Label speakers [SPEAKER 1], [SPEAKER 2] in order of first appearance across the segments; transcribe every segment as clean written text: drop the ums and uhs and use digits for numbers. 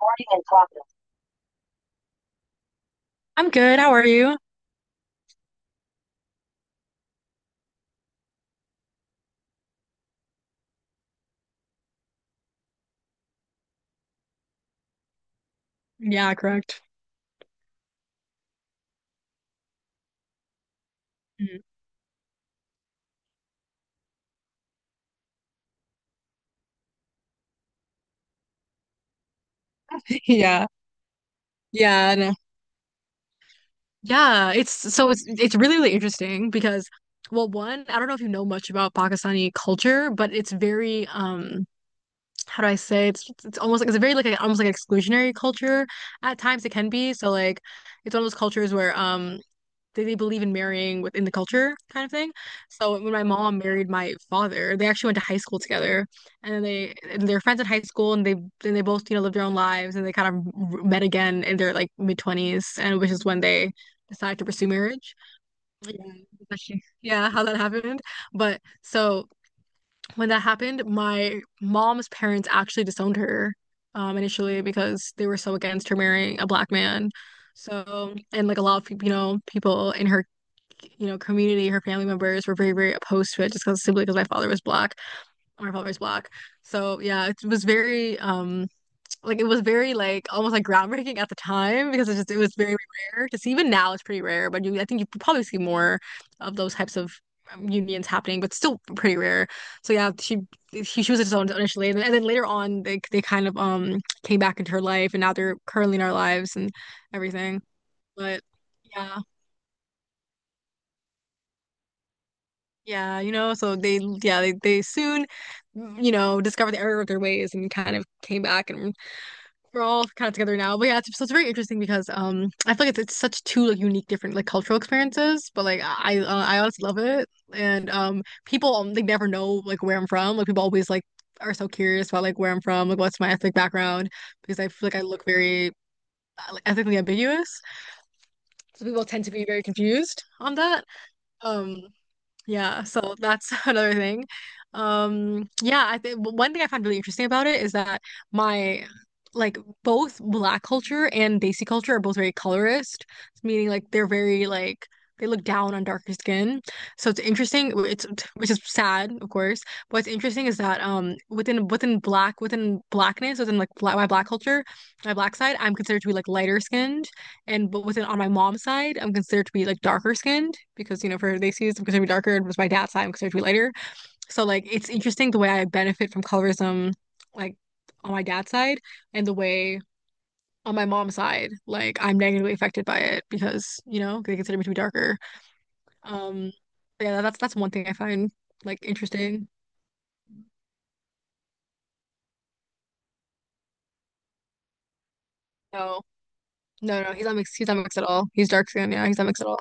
[SPEAKER 1] Boarding and clocking. I'm good. How are you? Yeah, correct. Mhm. Yeah. Yeah, no. Yeah, it's so it's really really interesting because well, one, I don't know if you know much about Pakistani culture, but it's very how do I say it's almost like it's a very like a, almost like an exclusionary culture at times it can be. So like it's one of those cultures where they believe in marrying within the culture kind of thing. So when my mom married my father, they actually went to high school together, and then they and they're friends at high school, and they both you know lived their own lives, and they kind of met again in their like mid twenties, and which is when they decided to pursue marriage. Yeah, yeah, how that happened. But so when that happened, my mom's parents actually disowned her initially because they were so against her marrying a black man. So, and like a lot of, you know, people in her you know, community, her family members were very, very opposed to it just because simply because my father was black, my father was black. So yeah, it was very like it was very like almost like groundbreaking at the time because it was very rare to see. Even now it's pretty rare, but you I think you probably see more of those types of unions happening, but still pretty rare. So yeah, she was his own initially, and, and then later on they kind of came back into her life, and now they're currently in our lives and everything. But yeah. Yeah, you know, so they yeah, they soon, you know, discovered the error of their ways and kind of came back and we're all kind of together now. But yeah, it's, so it's very interesting because I feel like it's such two like unique different like cultural experiences, but like I honestly love it. And people they never know like where I'm from. Like people always like are so curious about like where I'm from, like what's my ethnic background because I feel like I look very like, ethnically ambiguous. So people tend to be very confused on that. Um yeah, so that's another thing. Yeah, I think one thing I found really interesting about it is that my like both black culture and Desi culture are both very colorist, meaning like they're very like they look down on darker skin. So it's interesting. It's which is sad, of course. But what's interesting is that within black within blackness within like black, my black culture, my black side, I'm considered to be like lighter skinned and but within on my mom's side, I'm considered to be like darker skinned because you know for they see I'm considered to be darker, and with my dad's side, I'm considered to be lighter. So like it's interesting the way I benefit from colorism, like on my dad's side, and the way on my mom's side, like I'm negatively affected by it because you know they consider me to be darker. Um, yeah, that's one thing I find like interesting. No, no, no, he's not mixed. He's not mixed at all. He's dark skinned. Yeah, he's not mixed at all.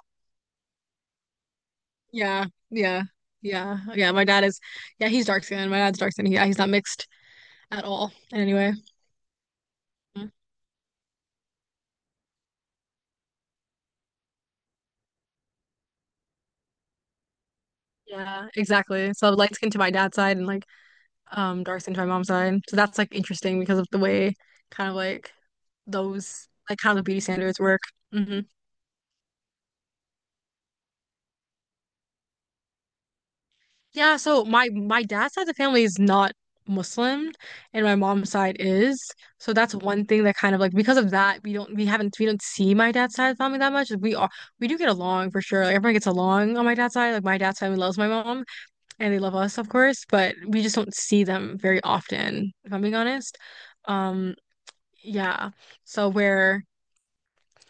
[SPEAKER 1] Yeah, yeah, yeah. My dad is, yeah, he's dark skinned. My dad's dark skinned. Yeah, he's not mixed at all anyway. Mhm. Yeah, exactly. So light skin to my dad's side and like dark skin to my mom's side. So that's like interesting because of the way kind of like those like kind of beauty standards work. hmm Yeah, so my dad's side of the family is not Muslim and my mom's side is. So that's one thing that kind of like because of that we don't see my dad's side of the family that much. We do get along for sure. Like everyone gets along on my dad's side. Like my dad's family loves my mom and they love us, of course, but we just don't see them very often, if I'm being honest. Um, yeah. So we're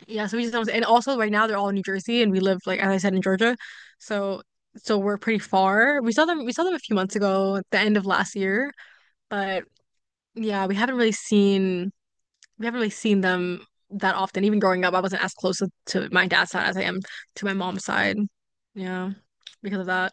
[SPEAKER 1] yeah, so we just don't and also right now they're all in New Jersey and we live like as I said in Georgia. So so we're pretty far. We saw them a few months ago at the end of last year, but yeah, we haven't really seen them that often. Even growing up, I wasn't as close to my dad's side as I am to my mom's side. Yeah, because of that.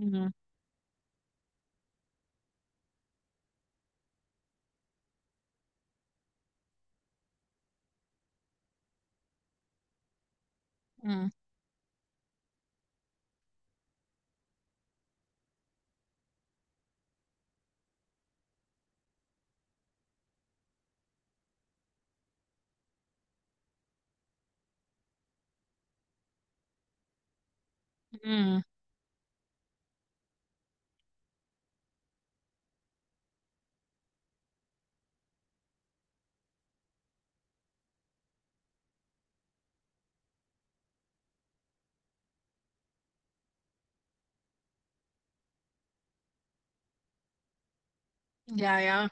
[SPEAKER 1] Mm-hmm. Mm-hmm. Mm-hmm. Yeah, yeah.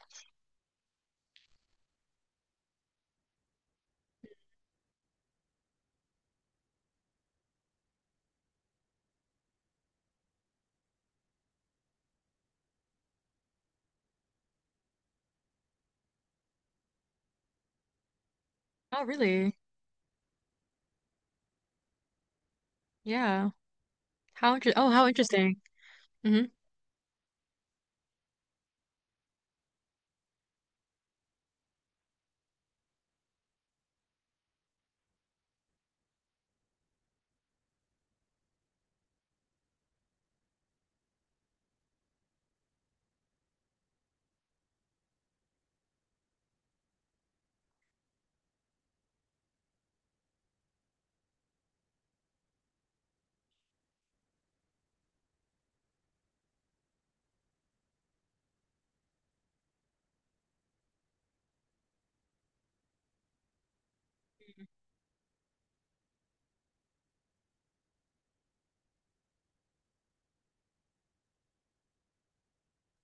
[SPEAKER 1] Oh, really? Yeah. How inter oh, how interesting. hmm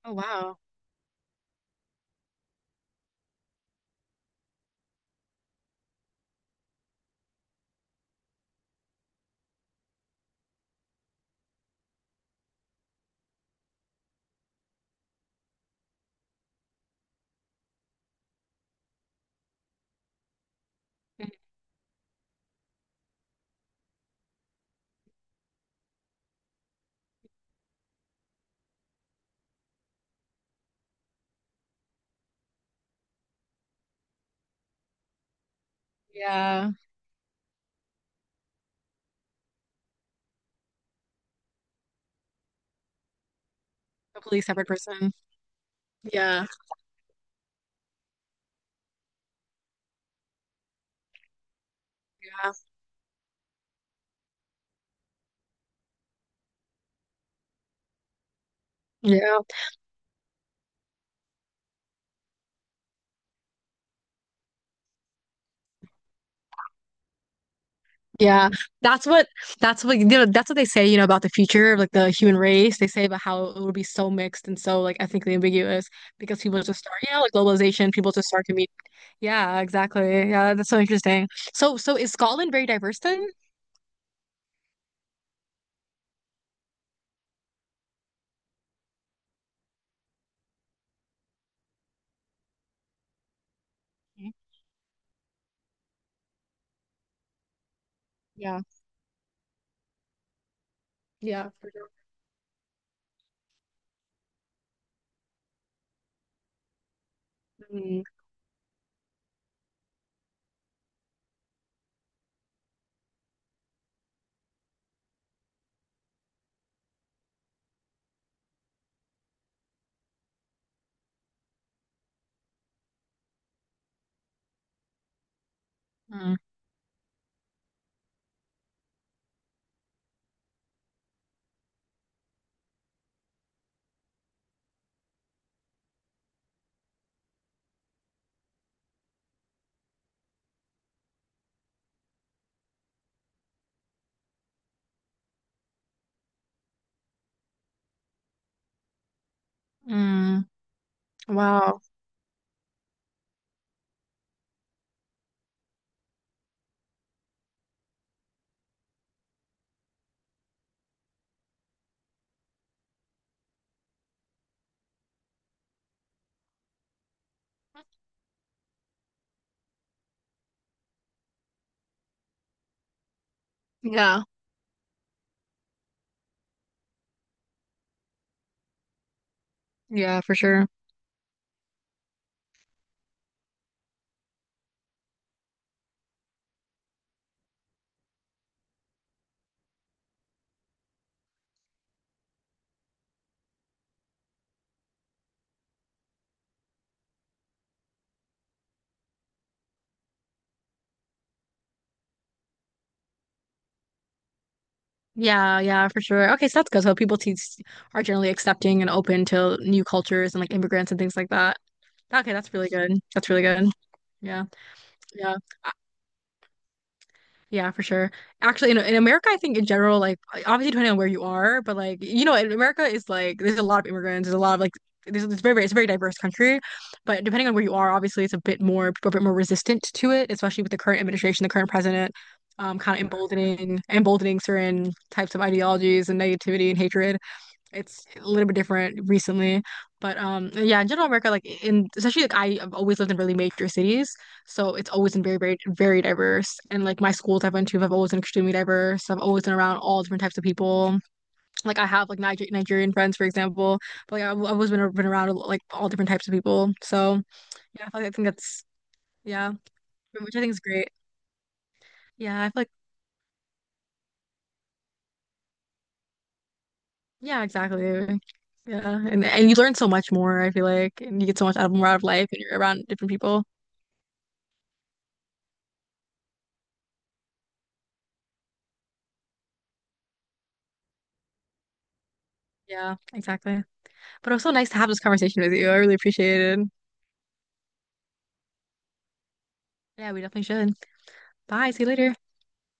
[SPEAKER 1] Oh, wow. Yeah. Completely separate person. Yeah. Yeah. Yeah. Yeah. That's what that's what you know, that's what they say, you know, about the future of like the human race. They say about how it will be so mixed and so like ethnically ambiguous because people just start, yeah, like globalization, people just start to meet. Yeah, exactly. Yeah, that's so interesting. So so is Scotland very diverse then? Mhm. Yeah. Yeah, for sure. Mm, mm, mm. Wow. Yeah. Yeah, for sure. Yeah, yeah, for sure. Okay, so that's good. So are generally accepting and open to new cultures and like immigrants and things like that. Okay, that's really good. That's really good. Yeah, yeah, yeah, for sure. Actually, in America, I think in general, like obviously depending on where you are, but like you know, in America is like there's a lot of immigrants. There's a lot of like there's it's very very it's a very diverse country, but depending on where you are, obviously it's a bit more people are a bit more resistant to it, especially with the current administration, the current president, kind of emboldening certain types of ideologies and negativity and hatred it's a little bit different recently. But yeah, in general America, like in especially like I have always lived in really major cities. So it's always been very, very, very diverse. And like my schools I've been to have always been extremely diverse. So I've always been around all different types of people. Like I have like Nigerian friends, for example. But like I've always been around like all different types of people. So yeah, I feel like I think that's yeah, which I think is great. Yeah, I feel like yeah, exactly. Yeah, and you learn so much more, I feel like, and you get so much out of more out of life and you're around different people. Yeah, exactly. But it was so nice to have this conversation with you. I really appreciate it. Yeah, we definitely should. Bye. See you later.